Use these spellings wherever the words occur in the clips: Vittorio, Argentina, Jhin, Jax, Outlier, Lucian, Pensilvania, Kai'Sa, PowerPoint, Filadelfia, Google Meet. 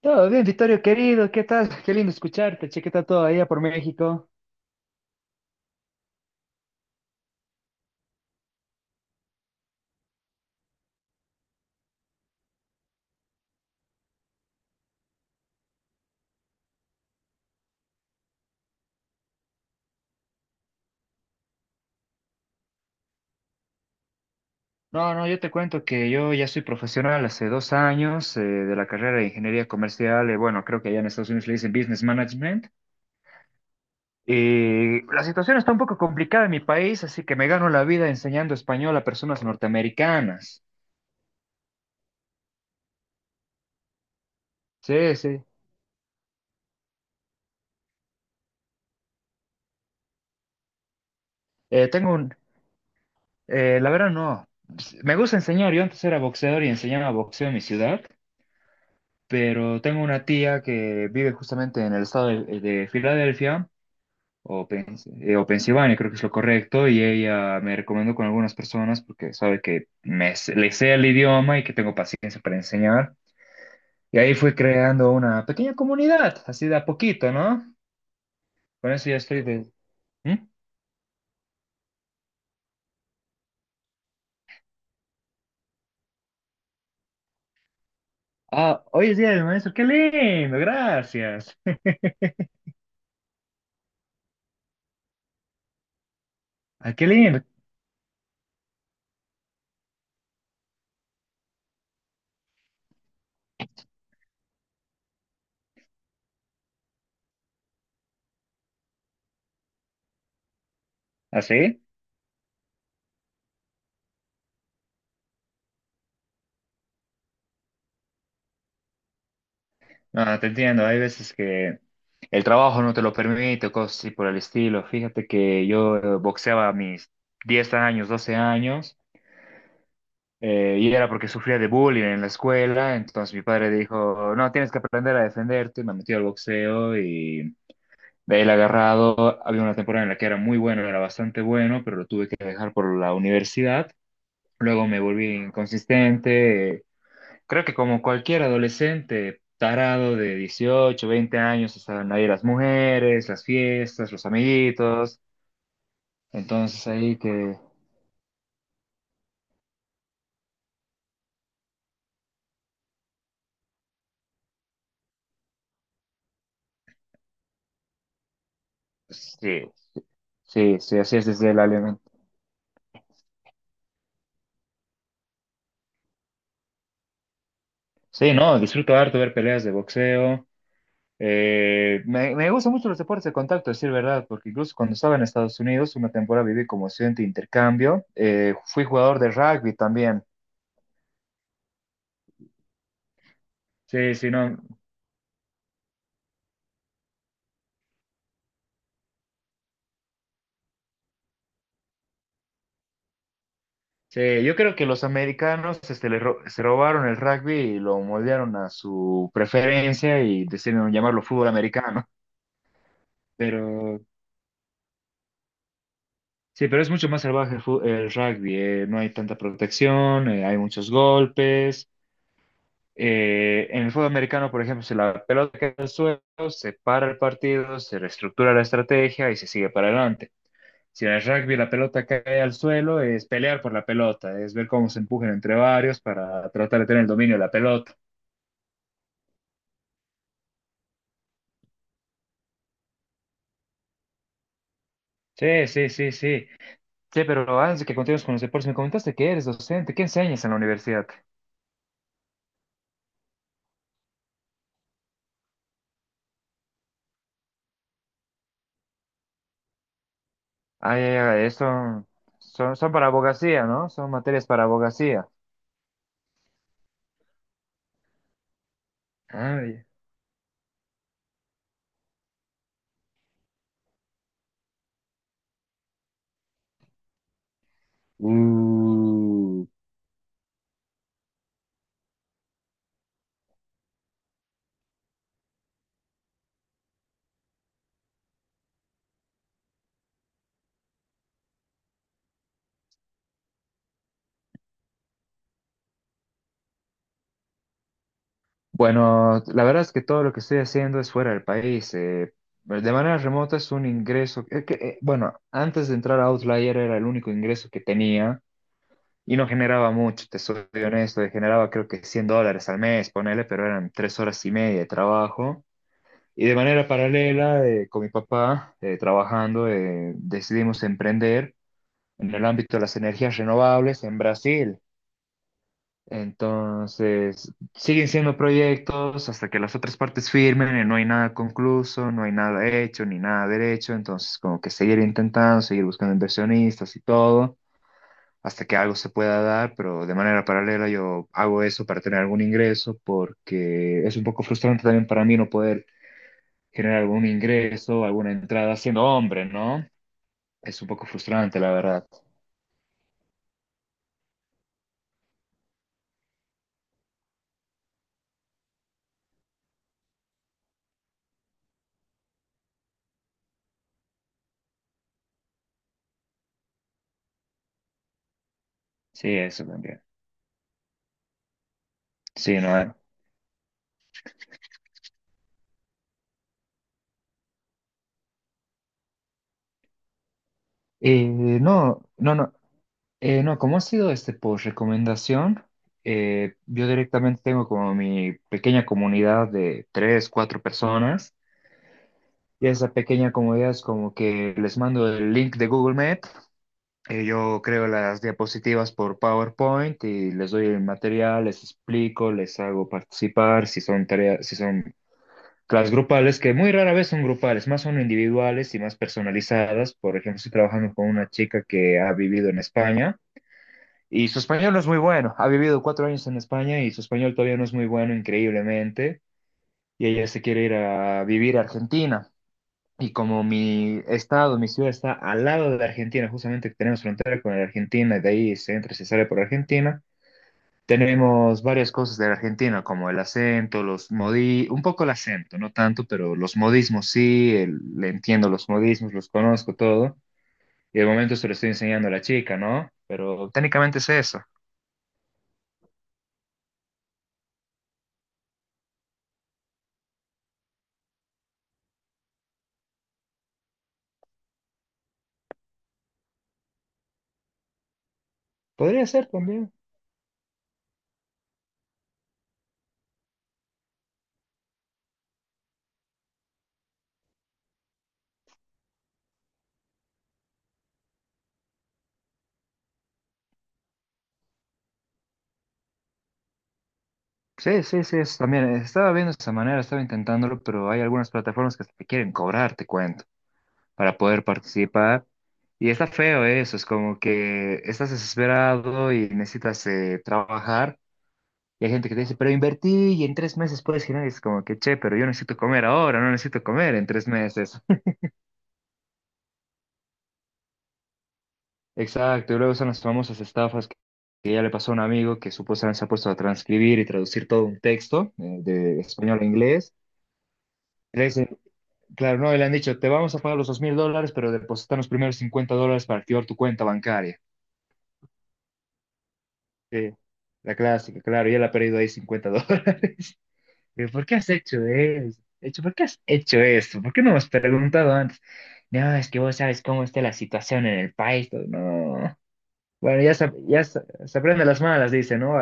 Todo bien, Vittorio, querido, ¿qué tal? Qué lindo escucharte, che, ¿qué tal todo allá por México? No, no, yo te cuento que yo ya soy profesional hace 2 años de la carrera de ingeniería comercial, bueno, creo que allá en Estados Unidos le dicen business management. Y la situación está un poco complicada en mi país, así que me gano la vida enseñando español a personas norteamericanas. Sí, sí. Tengo un, la verdad no, me gusta enseñar, yo antes era boxeador y enseñaba boxeo en mi ciudad. Pero tengo una tía que vive justamente en el estado de Filadelfia, o Pensilvania, creo que es lo correcto, y ella me recomendó con algunas personas porque sabe que le sé el idioma y que tengo paciencia para enseñar. Y ahí fui creando una pequeña comunidad, así de a poquito, ¿no? Con eso ya estoy de. ¿Mm? Ah, hoy es Día del Maestro, qué lindo, gracias. Ah, qué lindo. ¿Así? Ah, te entiendo, hay veces que el trabajo no te lo permite, cosas así por el estilo. Fíjate que yo boxeaba a mis 10 años, 12 años, y era porque sufría de bullying en la escuela, entonces mi padre dijo, no, tienes que aprender a defenderte, me metió al boxeo y de ahí la he agarrado. Había una temporada en la que era muy bueno, era bastante bueno, pero lo tuve que dejar por la universidad. Luego me volví inconsistente. Creo que como cualquier adolescente tarado de 18, 20 años, estaban ahí las mujeres, las fiestas, los amiguitos. Entonces ahí que. Pues, sí, sí, sí, así es desde el alimento. Sí, no, disfruto harto ver peleas de boxeo. Me gustan mucho los deportes de contacto, decir verdad, porque incluso cuando estaba en Estados Unidos, una temporada viví como estudiante de intercambio. Fui jugador de rugby también. Sí, sí, no. Sí, yo creo que los americanos se robaron el rugby y lo moldearon a su preferencia y decidieron llamarlo fútbol americano. Pero sí, pero es mucho más salvaje el rugby. No hay tanta protección, hay muchos golpes. En el fútbol americano, por ejemplo, si la pelota cae al suelo, se para el partido, se reestructura la estrategia y se sigue para adelante. Si en el rugby la pelota cae al suelo, es pelear por la pelota, es ver cómo se empujan entre varios para tratar de tener el dominio de la pelota. Sí, sí, sí, sí. Sí, pero antes de que continuemos con los deportes, me comentaste que eres docente. ¿Qué enseñas en la universidad? Ah, ya, ya, son para abogacía, ¿no? Son materias para abogacía. Ah, ya. Mm, Bueno, la verdad es que todo lo que estoy haciendo es fuera del país. De manera remota es un ingreso. Bueno, antes de entrar a Outlier era el único ingreso que tenía y no generaba mucho, te soy honesto. Y generaba creo que $100 al mes, ponele, pero eran 3 horas y media de trabajo. Y de manera paralela, con mi papá, trabajando, decidimos emprender en el ámbito de las energías renovables en Brasil. Entonces, siguen siendo proyectos hasta que las otras partes firmen, y no hay nada concluso, no hay nada hecho, ni nada derecho. Entonces, como que seguir intentando, seguir buscando inversionistas y todo, hasta que algo se pueda dar, pero de manera paralela yo hago eso para tener algún ingreso, porque es un poco frustrante también para mí no poder generar algún ingreso, alguna entrada siendo hombre, ¿no? Es un poco frustrante, la verdad. Sí, eso también. Sí, no. Eh, no, no, no. No, como ha sido por recomendación, yo directamente tengo como mi pequeña comunidad de tres, cuatro personas. Y esa pequeña comunidad es como que les mando el link de Google Meet. Yo creo las diapositivas por PowerPoint y les doy el material, les explico, les hago participar si son tareas, si son las grupales, que muy rara vez son grupales, más son individuales y más personalizadas. Por ejemplo, estoy trabajando con una chica que ha vivido en España y su español no es muy bueno. Ha vivido 4 años en España y su español todavía no es muy bueno, increíblemente. Y ella se quiere ir a vivir a Argentina. Y como mi estado, mi ciudad está al lado de Argentina, justamente tenemos frontera con la Argentina, y de ahí se entra y se sale por Argentina, tenemos varias cosas de la Argentina, como el acento, los modi, un poco el acento, no tanto, pero los modismos sí, le entiendo los modismos, los conozco todo. Y de momento se lo estoy enseñando a la chica, ¿no? Pero técnicamente es eso. Podría ser también. Sí, sí, sí, es también. Estaba viendo esa manera, estaba intentándolo, pero hay algunas plataformas que hasta te quieren cobrar, te cuento, para poder participar. Y está feo eso, es como que estás desesperado y necesitas trabajar. Y hay gente que te dice, pero invertí y en 3 meses puedes girar. Y es como que, che, pero yo necesito comer ahora, no necesito comer en 3 meses. Exacto, y luego son las famosas estafas que ya le pasó a un amigo que supuestamente se ha puesto a transcribir y traducir todo un texto de español a inglés. Y le dicen, claro, no, y le han dicho, te vamos a pagar los $2,000, pero depositan los primeros $50 para activar tu cuenta bancaria. Sí, la clásica, claro, y él ha perdido ahí 50 dólares. ¿Por qué has hecho eso? ¿Por qué has hecho esto? ¿Por qué no me has preguntado antes? No, es que vos sabes cómo está la situación en el país. Todo. No. Bueno, ya se aprende las malas, dice, ¿no?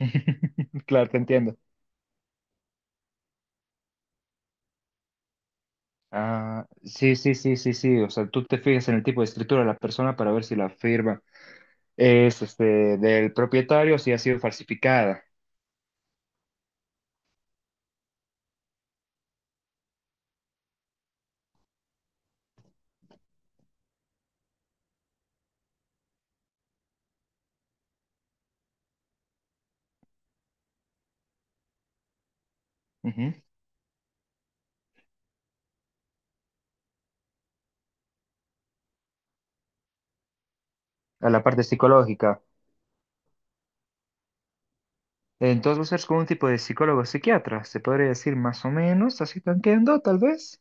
Claro, te entiendo. Ah, sí, sí, sí, sí, sí. O sea, tú te fijas en el tipo de escritura de la persona para ver si la firma es del propietario, si ha sido falsificada. Ujú. A la parte psicológica. Entonces, vos eres como un tipo de psicólogo psiquiatra, se podría decir más o menos, así tanqueando, tal vez.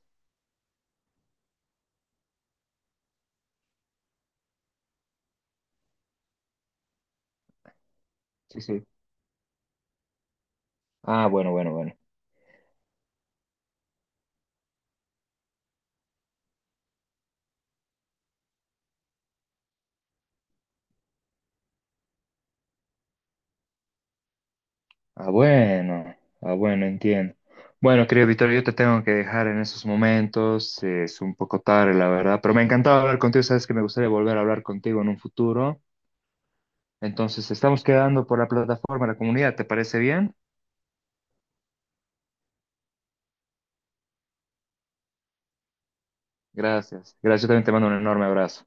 Sí, sí. Ah, bueno, bueno, bueno. Ah, bueno. Ah, bueno, entiendo. Bueno, querido Víctor, yo te tengo que dejar en esos momentos. Es un poco tarde, la verdad, pero me encantaba hablar contigo. Sabes que me gustaría volver a hablar contigo en un futuro. Entonces, estamos quedando por la plataforma, la comunidad. ¿Te parece bien? Gracias. Gracias. Yo también te mando un enorme abrazo.